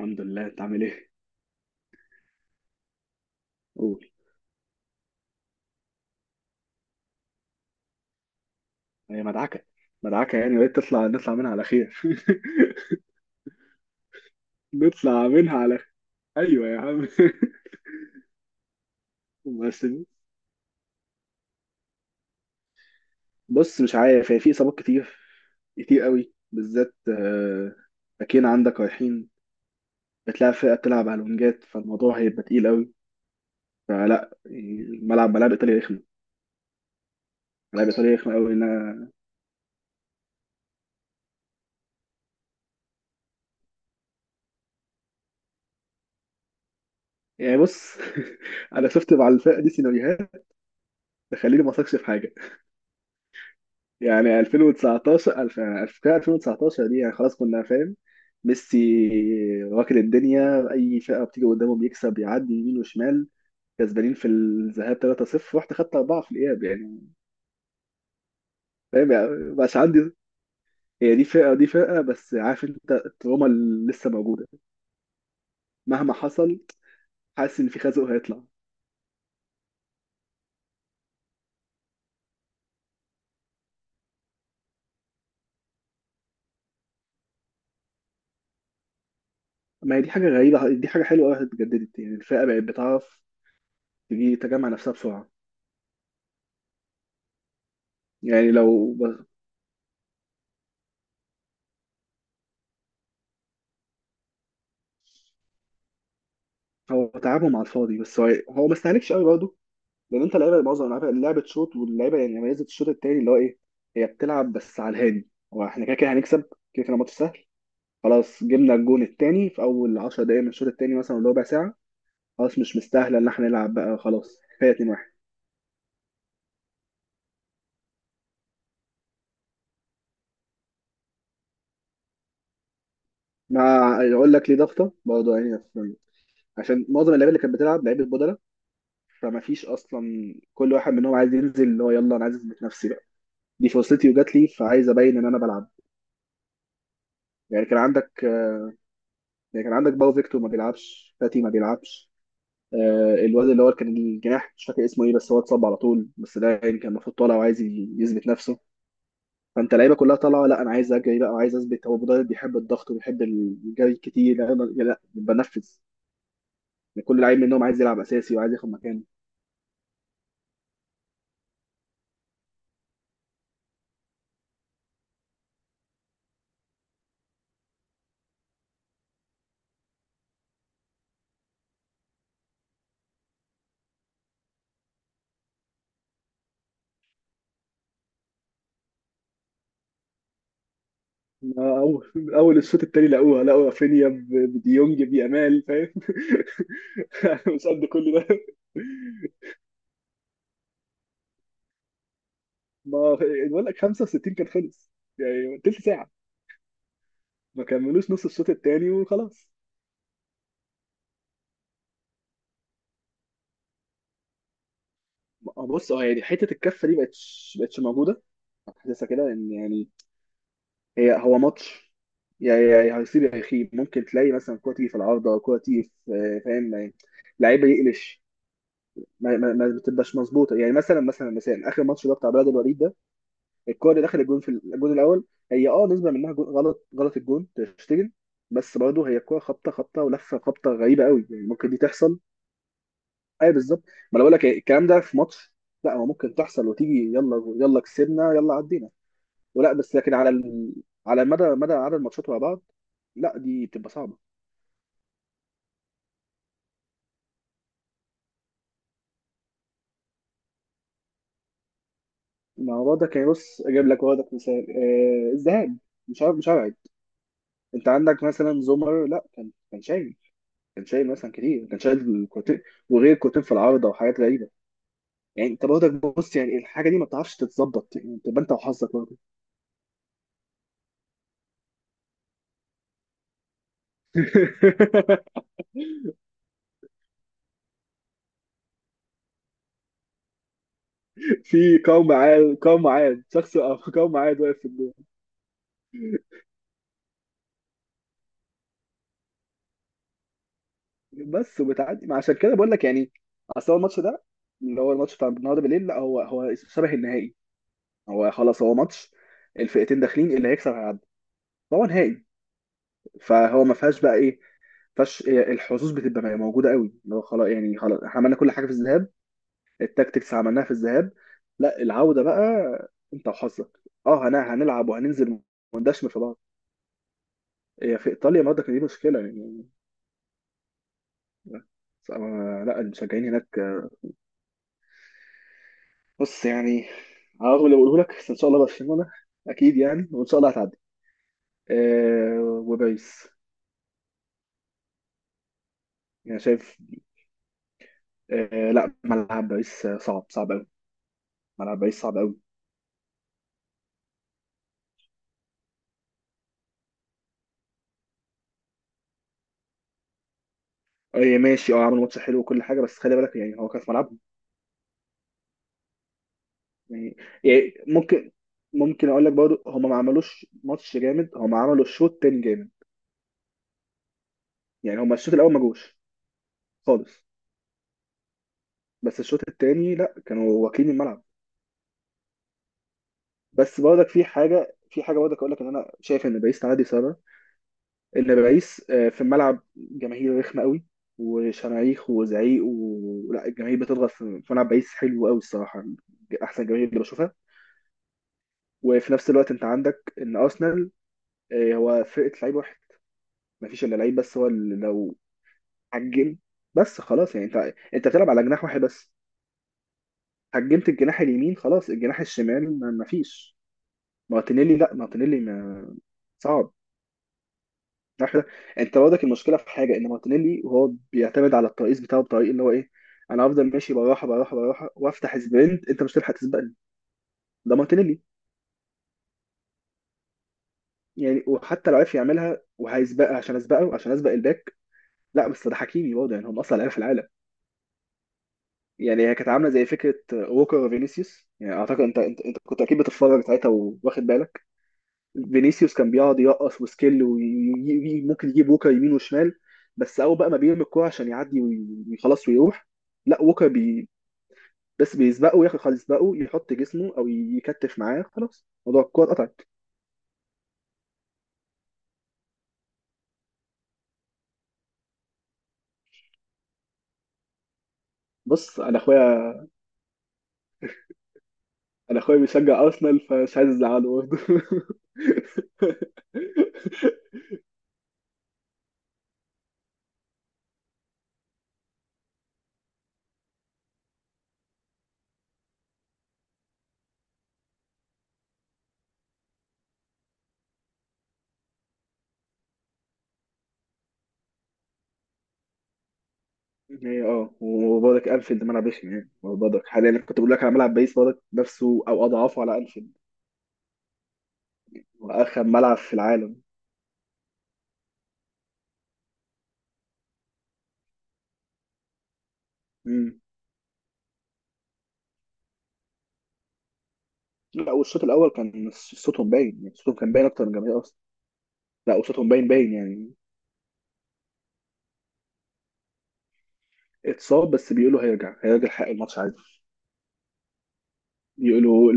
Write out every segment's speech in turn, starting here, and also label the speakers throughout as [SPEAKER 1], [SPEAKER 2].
[SPEAKER 1] الحمد لله، انت عامل ايه؟ قول. هي مدعكه، يعني بقيت نطلع منها على خير نطلع منها على خير. ايوه يا عم. بس. بص، مش عارف، هي في اصابات كتير كتير قوي بالذات، آه، باكين عندك رايحين. بتلاقي فرقه بتلعب على الونجات فالموضوع هيبقى تقيل قوي. فلا يعني الملعب، ملاعب ايطاليا رخمه، ملاعب ايطاليا رخمه قوي انا. يعني بص، انا شفت مع الفرقه دي سيناريوهات تخليني ما اثقش في حاجه. يعني 2019 2019 دي يعني خلاص، كنا فاهم ميسي واكل الدنيا، اي فئه بتيجي قدامه بيكسب، يعدي يمين وشمال. كسبانين في الذهاب 3-0، رحت خدت 4 في الاياب يعني. فاهم يعني، مش عندي، هي دي فئه ودي فئه، بس عارف انت التروما اللي لسه موجوده مهما حصل. حاسس ان في خازوق هيطلع. ما هي دي حاجه غريبه، دي حاجه حلوه قوي، اتجددت، يعني الفئه بقت بتعرف تجي تجمع نفسها بسرعه. يعني لو، هو تعبهم على الفاضي بس هو ما استهلكش قوي برضه. لان انت لعيبه، معظم اللعيبه لعبه شوط، واللعيبه يعني ميزه الشوط التاني اللي هو ايه، هي بتلعب بس على الهادي. هو احنا كده كده هنكسب، كده كده ماتش سهل. خلاص جبنا الجون التاني في اول 10 دقايق من الشوط التاني مثلا، ولا ربع ساعه، خلاص مش مستاهله ان احنا نلعب بقى، خلاص كفايه 2-1. مع يقول لك ليه ضغطه برضه يعني عشان معظم اللعيبه اللي كانت بتلعب لعيبه بدله. فما فيش اصلا، كل واحد منهم عايز ينزل، اللي هو يلا انا عايز اثبت نفسي بقى، دي فرصتي وجات لي، فعايز ابين ان انا بلعب. يعني كان عندك، يعني كان عندك باو، فيكتور ما بيلعبش، فاتي ما بيلعبش، آه، الواد اللي هو كان الجناح مش فاكر اسمه ايه، بس هو اتصاب على طول، بس ده يعني كان المفروض طالع وعايز يثبت نفسه. فانت اللعيبه كلها طالعه، لا انا عايز اجري بقى وعايز اثبت، هو مدرب بيحب الضغط وبيحب الجري كتير، لا لا لا، بنفذ. يعني كل لعيب منهم عايز يلعب اساسي وعايز ياخد مكانه. ما اول الشوط التاني لقوها، لقوا رافينيا بديونج بيامال، فاهم، مش قد كل ده. ما بقول لك 65 كان خلص، يعني تلت ساعه، ما كملوش نص الشوط التاني وخلاص. آه، بص اه، يعني حته الكفه دي بقتش موجوده. حاسسها كده ان يعني، هي هو ماتش، يا هيصيب يا يخيب، ممكن تلاقي مثلا كوره تيجي في العارضه، كوره تيجي في، آه، فاهم يعني، لعيبه يقلش، ما بتبقاش مظبوطه، يعني مثلا اخر ماتش ده بتاع بلد الوليد ده، الكوره اللي دخل الجون في الجون الاول، هي اه نسبه منها جون، غلط غلط الجون، تشتجن، بس برضه هي الكوره خبطه خبطه ولفه خبطه غريبه قوي، يعني ممكن دي تحصل. اي بالظبط. ما انا بقول لك، إيه، الكلام ده في ماتش، لا هو ممكن تحصل وتيجي يلا يلا كسبنا يلا عدينا، ولا بس لكن على على مدى عدد الماتشات ورا بعض، لا دي بتبقى صعبه. ما هو ده كان بص اجيب لك وردك مثال، آه، الذهاب، مش عارف مش هبعد، انت عندك مثلا زومر، لا كان شايل، كان شايل مثلا كتير، كان شايل كورتين، وغير كورتين في العارضه وحاجات غريبه، يعني انت برضك، بص يعني الحاجه دي ما بتعرفش تتظبط، يعني تبقى انت وحظك برضه. في قوم عاد، شخص قوم عاد واقف في الجول. بس وبتعدي، ما عشان كده بقول لك يعني، اصل هو الماتش ده، اللي هو الماتش بتاع النهارده بالليل، لا هو شبه النهائي، هو خلاص، هو ماتش الفئتين داخلين اللي هيكسب هيعدي، فهو نهائي، فهو ما فيهاش بقى ايه، فش، الحظوظ بتبقى موجوده قوي، اللي هو خلاص يعني، خلاص احنا عملنا كل حاجه في الذهاب، التاكتكس عملناها في الذهاب، لا العوده بقى انت وحظك. اه هنلعب وهننزل وندشمل في بعض. هي في ايطاليا النهارده كان دي مشكله يعني. بس لا المشجعين هناك آه، بص يعني هقول، لو اقوله لك، بس ان شاء الله برشلونه، اكيد يعني، وان شاء الله هتعدي. أه، وباريس يعني شايف، أه لا، ملعب باريس آه، صعب صعب قوي، ملعب باريس صعب قوي. أه ماشي اه، عملوا ماتش حلو وكل حاجه، بس خلي بالك يعني هو كان في ملعبهم، يعني, يعني ممكن، ممكن اقول لك برضه هم ما عملوش ماتش جامد، هم عملوا شوط تاني جامد، يعني هم الشوط الاول ما جوش خالص، بس الشوط التاني لا كانوا واكلين الملعب. بس برضك في حاجه، في حاجه برضك اقول لك ان انا شايف ان باريس تعدي. سبب ان باريس آه، في الملعب جماهير رخمه قوي، وشماريخ وزعيق لا، الجماهير بتضغط، في ملعب باريس حلو قوي الصراحه، احسن جماهير اللي بشوفها. وفي نفس الوقت انت عندك ان ارسنال آه، هو فرقه لعيب واحد، ما فيش الا لعيب بس هو اللي لو هجم، بس خلاص يعني انت بتلعب على جناح واحد بس، هجمت الجناح اليمين خلاص، الجناح الشمال ما فيش. مارتينيلي، لا مارتينيلي ما... صعب، عارف ده؟ انت برضك المشكله في حاجه ان مارتينيلي، وهو بيعتمد على الترقيص بتاعه بطريق اللي هو ايه، انا افضل ماشي بالراحه بالراحه بالراحه وافتح سبرنت، انت مش هتلحق تسبقني، ده مارتينيلي. يعني وحتى لو عرف يعملها وهيسبقها، عشان اسبقه، عشان اسبق الباك، لا بس ده حكيمي برضه، يعني هم اصلا لعيبه في العالم. يعني هي كانت عامله زي فكره ووكر وفينيسيوس، يعني اعتقد انت كنت اكيد بتتفرج ساعتها، واخد بالك. فينيسيوس كان بيقعد يرقص وسكيل، وممكن يجيب ووكر يمين وشمال، بس اول بقى ما بيرمي الكوره عشان يعدي وخلاص ويروح. لا ووكر بس بيسبقه ياخد خالص، يسبقه يحط جسمه او يكتف معاه، خلاص موضوع الكوره اتقطعت. بص انا اخويا، انا اخويا بيشجع ارسنال، فمش عايز ازعله برضه هي اه، وبرضك انفيلد ملعب رخم، يعني برضك حاليا كنت بقول لك على ملعب بيس، برضك نفسه او اضعافه على انفيلد، واخم ملعب في العالم. مم. لا والشوط الاول كان صوتهم باين، يعني صوتهم كان باين اكتر من جماهير ارسنال، لا وصوتهم باين باين يعني. اتصاب، بس بيقولوا هيرجع هيرجع حق الماتش عادي، بيقولوا.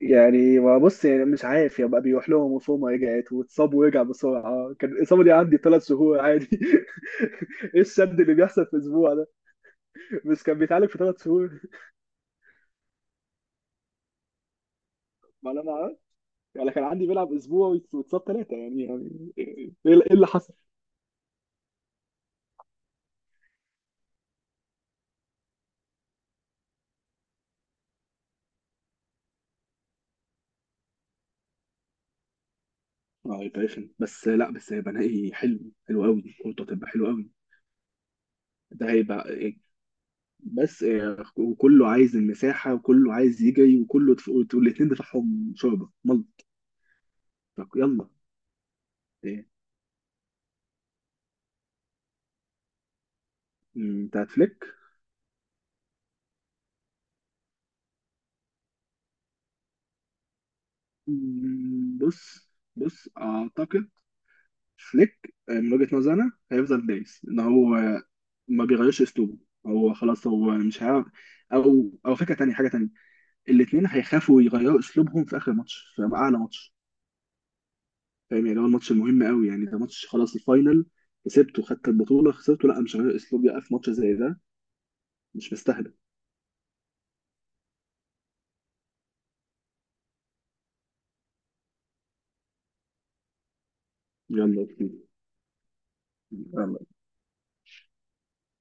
[SPEAKER 1] يعني ما بص يعني مش عارف، يبقى بيروح لهم وفوما رجعت واتصاب ورجع بسرعه، كان الاصابه دي عندي ثلاث شهور عادي ايه الشد اللي بيحصل في اسبوع ده؟ مش كان بيتعالج في ثلاث شهور؟ ما انا ما أعرف. يعني كان عندي بيلعب اسبوع واتصاب ثلاثه، يعني يعني ايه، إيه اللي حصل؟ اه هيبقى رخم، بس لا بس هيبقى نهائي حلو، حلو قوي، كورته هتبقى حلو قوي. ده هيبقى إيه، بس إيه، وكله عايز المساحه وكله عايز يجري وكله، والاثنين دفاعهم شوربه ملط. يلا، إيه، انت هتفلك. مم، بص، بص اعتقد فليك آه، من وجهة نظري انا هيفضل دايس ان هو آه، ما بيغيرش اسلوبه، هو خلاص هو مش هيعرف او فكره تانية، حاجه تانية، الاثنين هيخافوا يغيروا اسلوبهم في اخر ماتش، في اعلى ماتش، فاهم يعني، هو الماتش المهم قوي، يعني ده ماتش خلاص الفاينل، كسبته خدت البطوله، خسرته لا، مش هغير اسلوبي بقى في ماتش زي ده، مش مستاهله. يلا